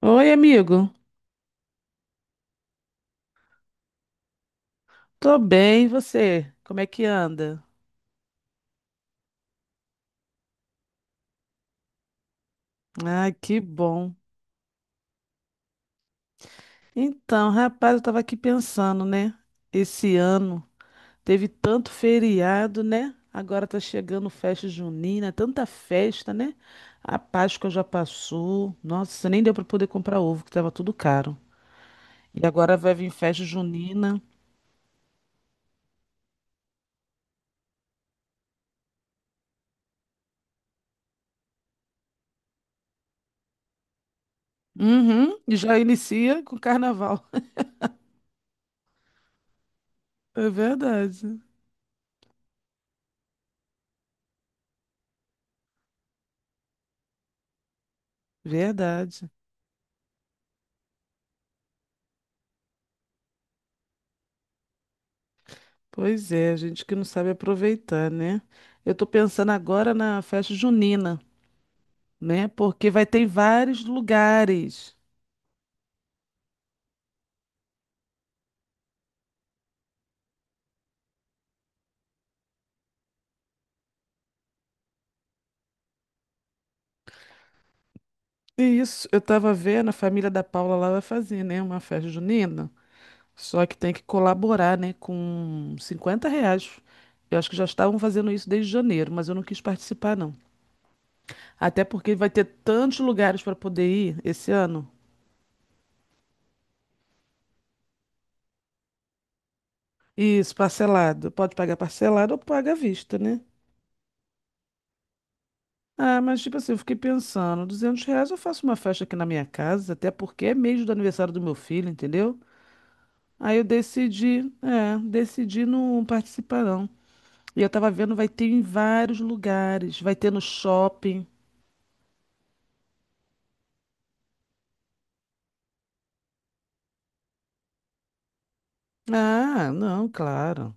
Oi, amigo. Tô bem, e você? Como é que anda? Ah, que bom. Então, rapaz, eu tava aqui pensando, né? Esse ano teve tanto feriado, né? Agora tá chegando festa junina, tanta festa, né? A Páscoa já passou. Nossa, nem deu pra poder comprar ovo, que tava tudo caro. E agora vai vir festa junina. Uhum, e já inicia com carnaval. É verdade. Verdade. Pois é, gente que não sabe aproveitar, né? Eu tô pensando agora na festa junina, né? Porque vai ter em vários lugares. E isso, eu tava vendo, a família da Paula lá vai fazer, né? Uma festa junina. Só que tem que colaborar, né? Com R$ 50. Eu acho que já estavam fazendo isso desde janeiro, mas eu não quis participar, não. Até porque vai ter tantos lugares para poder ir esse ano. Isso, parcelado. Pode pagar parcelado ou paga à vista, né? Ah, mas tipo assim, eu fiquei pensando, R$ 200 eu faço uma festa aqui na minha casa, até porque é mês do aniversário do meu filho, entendeu? Aí eu decidi, é, decidi não participar não. E eu tava vendo, vai ter em vários lugares, vai ter no shopping. Ah, não, claro.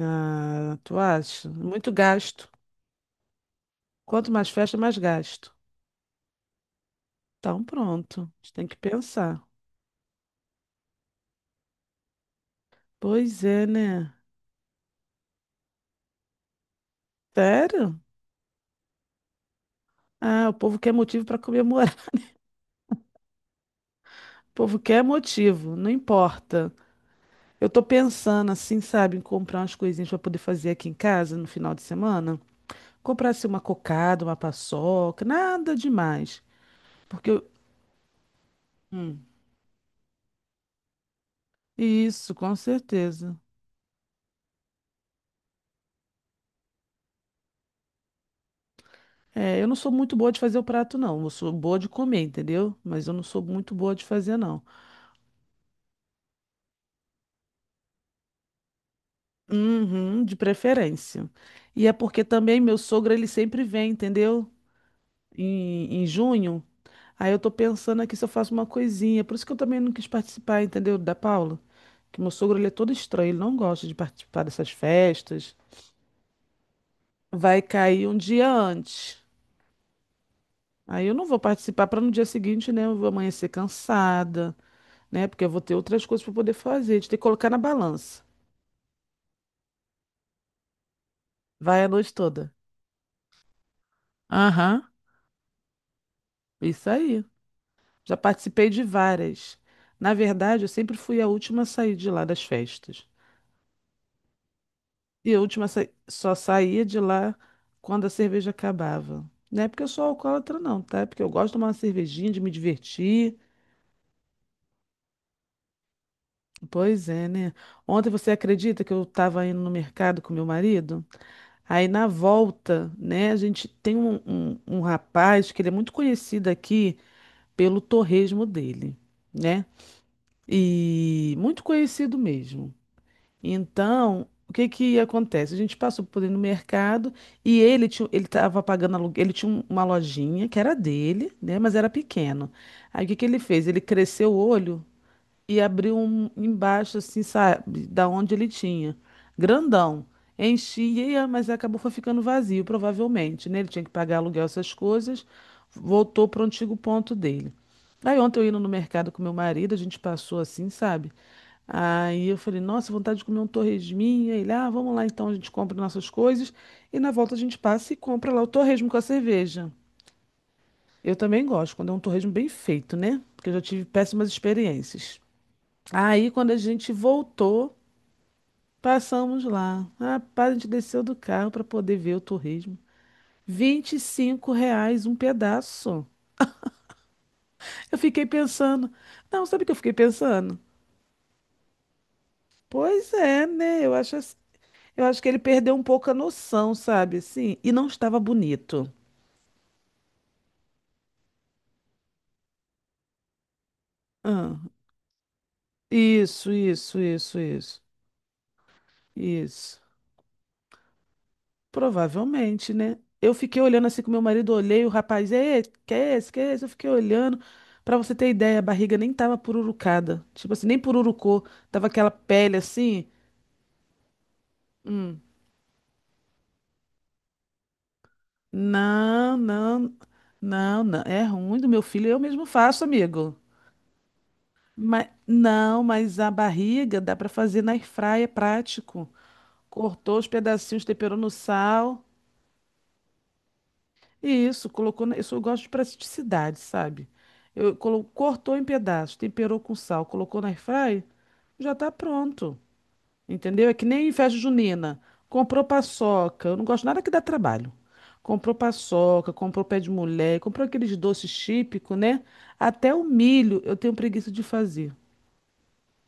Ah, tu acha? Muito gasto. Quanto mais festa, mais gasto. Então pronto, a gente tem que pensar. Pois é, né? Sério? Ah, o povo quer motivo para comemorar. O povo quer motivo, não importa. Eu tô pensando assim, sabe, em comprar umas coisinhas pra poder fazer aqui em casa no final de semana. Comprar assim uma cocada, uma paçoca, nada demais. Porque eu... Hum, isso, com certeza. É, eu não sou muito boa de fazer o prato, não. Eu sou boa de comer, entendeu? Mas eu não sou muito boa de fazer, não. Uhum, de preferência. E é porque também meu sogro, ele sempre vem, entendeu? Em junho. Aí eu tô pensando aqui se eu faço uma coisinha. Por isso que eu também não quis participar, entendeu? Da Paula. Que meu sogro, ele é todo estranho. Ele não gosta de participar dessas festas. Vai cair um dia antes. Aí eu não vou participar para no dia seguinte, né? Eu vou amanhecer cansada, né? Porque eu vou ter outras coisas para poder fazer. A gente tem que colocar na balança. Vai a noite toda. Aham, isso aí. Já participei de várias. Na verdade, eu sempre fui a última a sair de lá das festas. E a última só saía de lá quando a cerveja acabava. Não é porque eu sou alcoólatra, não, tá? É porque eu gosto de tomar uma cervejinha, de me divertir. Pois é, né? Ontem você acredita que eu estava indo no mercado com meu marido? Aí na volta, né, a gente tem um rapaz que ele é muito conhecido aqui pelo torresmo dele, né? E muito conhecido mesmo. Então, o que que acontece? A gente passou por ele no mercado e ele estava pagando aluguel, ele tinha uma lojinha que era dele, né? Mas era pequeno. Aí o que que ele fez? Ele cresceu o olho e abriu um embaixo, assim, sabe, da onde ele tinha. Grandão. Enchia, mas acabou foi ficando vazio, provavelmente, né? Ele tinha que pagar aluguel, essas coisas. Voltou para o antigo ponto dele. Aí ontem eu indo no mercado com meu marido, a gente passou assim, sabe? Aí eu falei, nossa, vontade de comer um torresminha. Ele, ah, vamos lá então, a gente compra nossas coisas. E na volta a gente passa e compra lá o torresmo com a cerveja. Eu também gosto, quando é um torresmo bem feito, né? Porque eu já tive péssimas experiências. Aí, quando a gente voltou, passamos lá. Rapaz, a gente desceu do carro para poder ver o torresmo. R$ 25 um pedaço. Eu fiquei pensando. Não, sabe o que eu fiquei pensando? Pois é, né? Eu acho, eu acho que ele perdeu um pouco a noção, sabe? Assim, e não estava bonito. Ah, isso, isso, isso, isso. Isso. Provavelmente, né? Eu fiquei olhando assim com meu marido, olhei, o rapaz, é, que é esse, que é esse? Eu fiquei olhando. Pra você ter ideia, a barriga nem tava pururucada. Tipo assim, nem pururucou. Tava aquela pele assim. Hum. Não, não, não, não. É ruim do meu filho, eu mesmo faço, amigo. Mas, não, mas a barriga dá pra fazer na airfryer, é prático. Cortou os pedacinhos, temperou no sal. Isso, colocou. Na- Eu, sou eu gosto de praticidade, sabe? Cortou em pedaços, temperou com sal, colocou na airfry, já tá pronto. Entendeu? É que nem em festa junina. Comprou paçoca. Eu não gosto nada que dá trabalho. Comprou paçoca, comprou pé de mulher, comprou aqueles doces típicos, né? Até o milho eu tenho preguiça de fazer.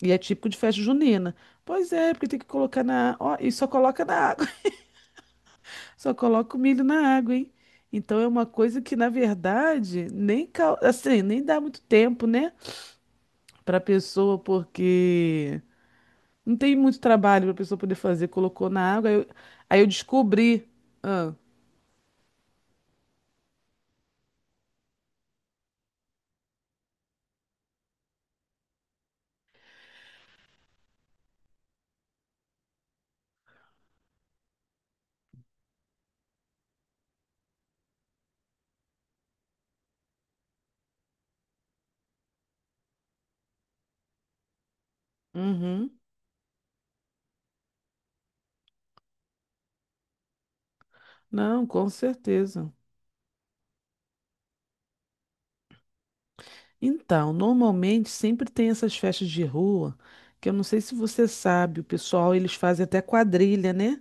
E é típico de festa junina. Pois é, porque tem que colocar na. Ó, e só coloca na. Só coloca o milho na água, hein? Então é uma coisa que, na verdade, nem, assim, nem dá muito tempo, né? Pra pessoa, porque não tem muito trabalho pra pessoa poder fazer. Colocou na água, aí eu descobri. Ah, uhum. Não, com certeza. Então, normalmente sempre tem essas festas de rua, que eu não sei se você sabe, o pessoal, eles fazem até quadrilha, né?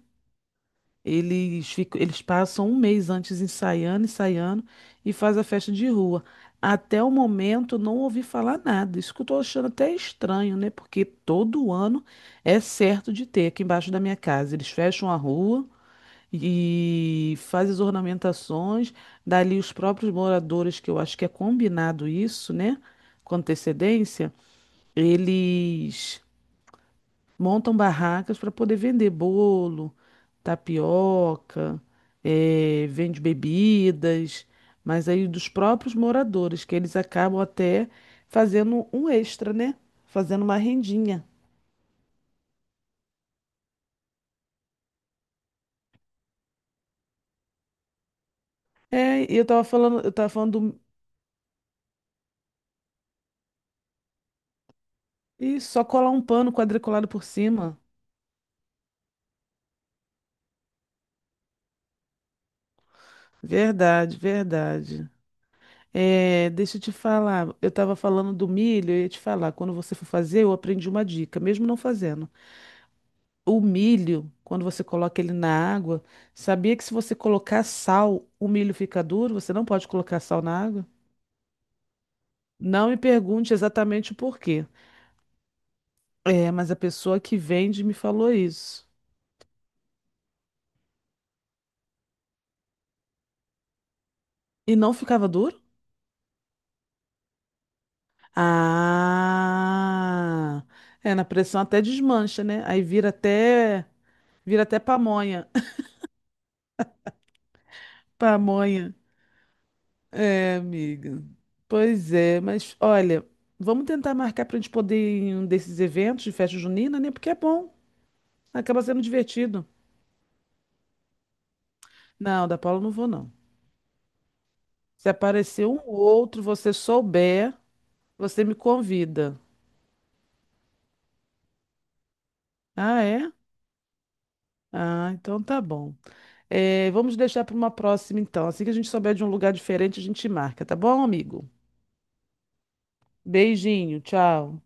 Eles ficam, eles passam um mês antes ensaiando, ensaiando e faz a festa de rua. Até o momento não ouvi falar nada. Isso que eu tô achando até estranho, né? Porque todo ano é certo de ter aqui embaixo da minha casa. Eles fecham a rua e fazem as ornamentações. Dali os próprios moradores, que eu acho que é combinado isso, né? Com antecedência, eles montam barracas para poder vender bolo, tapioca, eh, vende bebidas, mas aí dos próprios moradores, que eles acabam até fazendo um extra, né? Fazendo uma rendinha. É, e eu tava falando do... Ih, só colar um pano quadriculado por cima. Verdade, verdade. É, deixa eu te falar, eu tava falando do milho, eu ia te falar, quando você for fazer, eu aprendi uma dica, mesmo não fazendo. O milho, quando você coloca ele na água, sabia que se você colocar sal, o milho fica duro? Você não pode colocar sal na água? Não me pergunte exatamente o porquê. É, mas a pessoa que vende me falou isso. E não ficava duro? Ah, é, na pressão até desmancha, né? Aí vira até pamonha. Pamonha. É, amiga. Pois é, mas olha, vamos tentar marcar para a gente poder ir em um desses eventos de festa junina, né? Porque é bom. Acaba sendo divertido. Não, da Paula eu não vou, não. Se aparecer um ou outro, você souber, você me convida. Ah, é? Ah, então tá bom. É, vamos deixar para uma próxima, então. Assim que a gente souber de um lugar diferente, a gente marca, tá bom, amigo? Beijinho, tchau.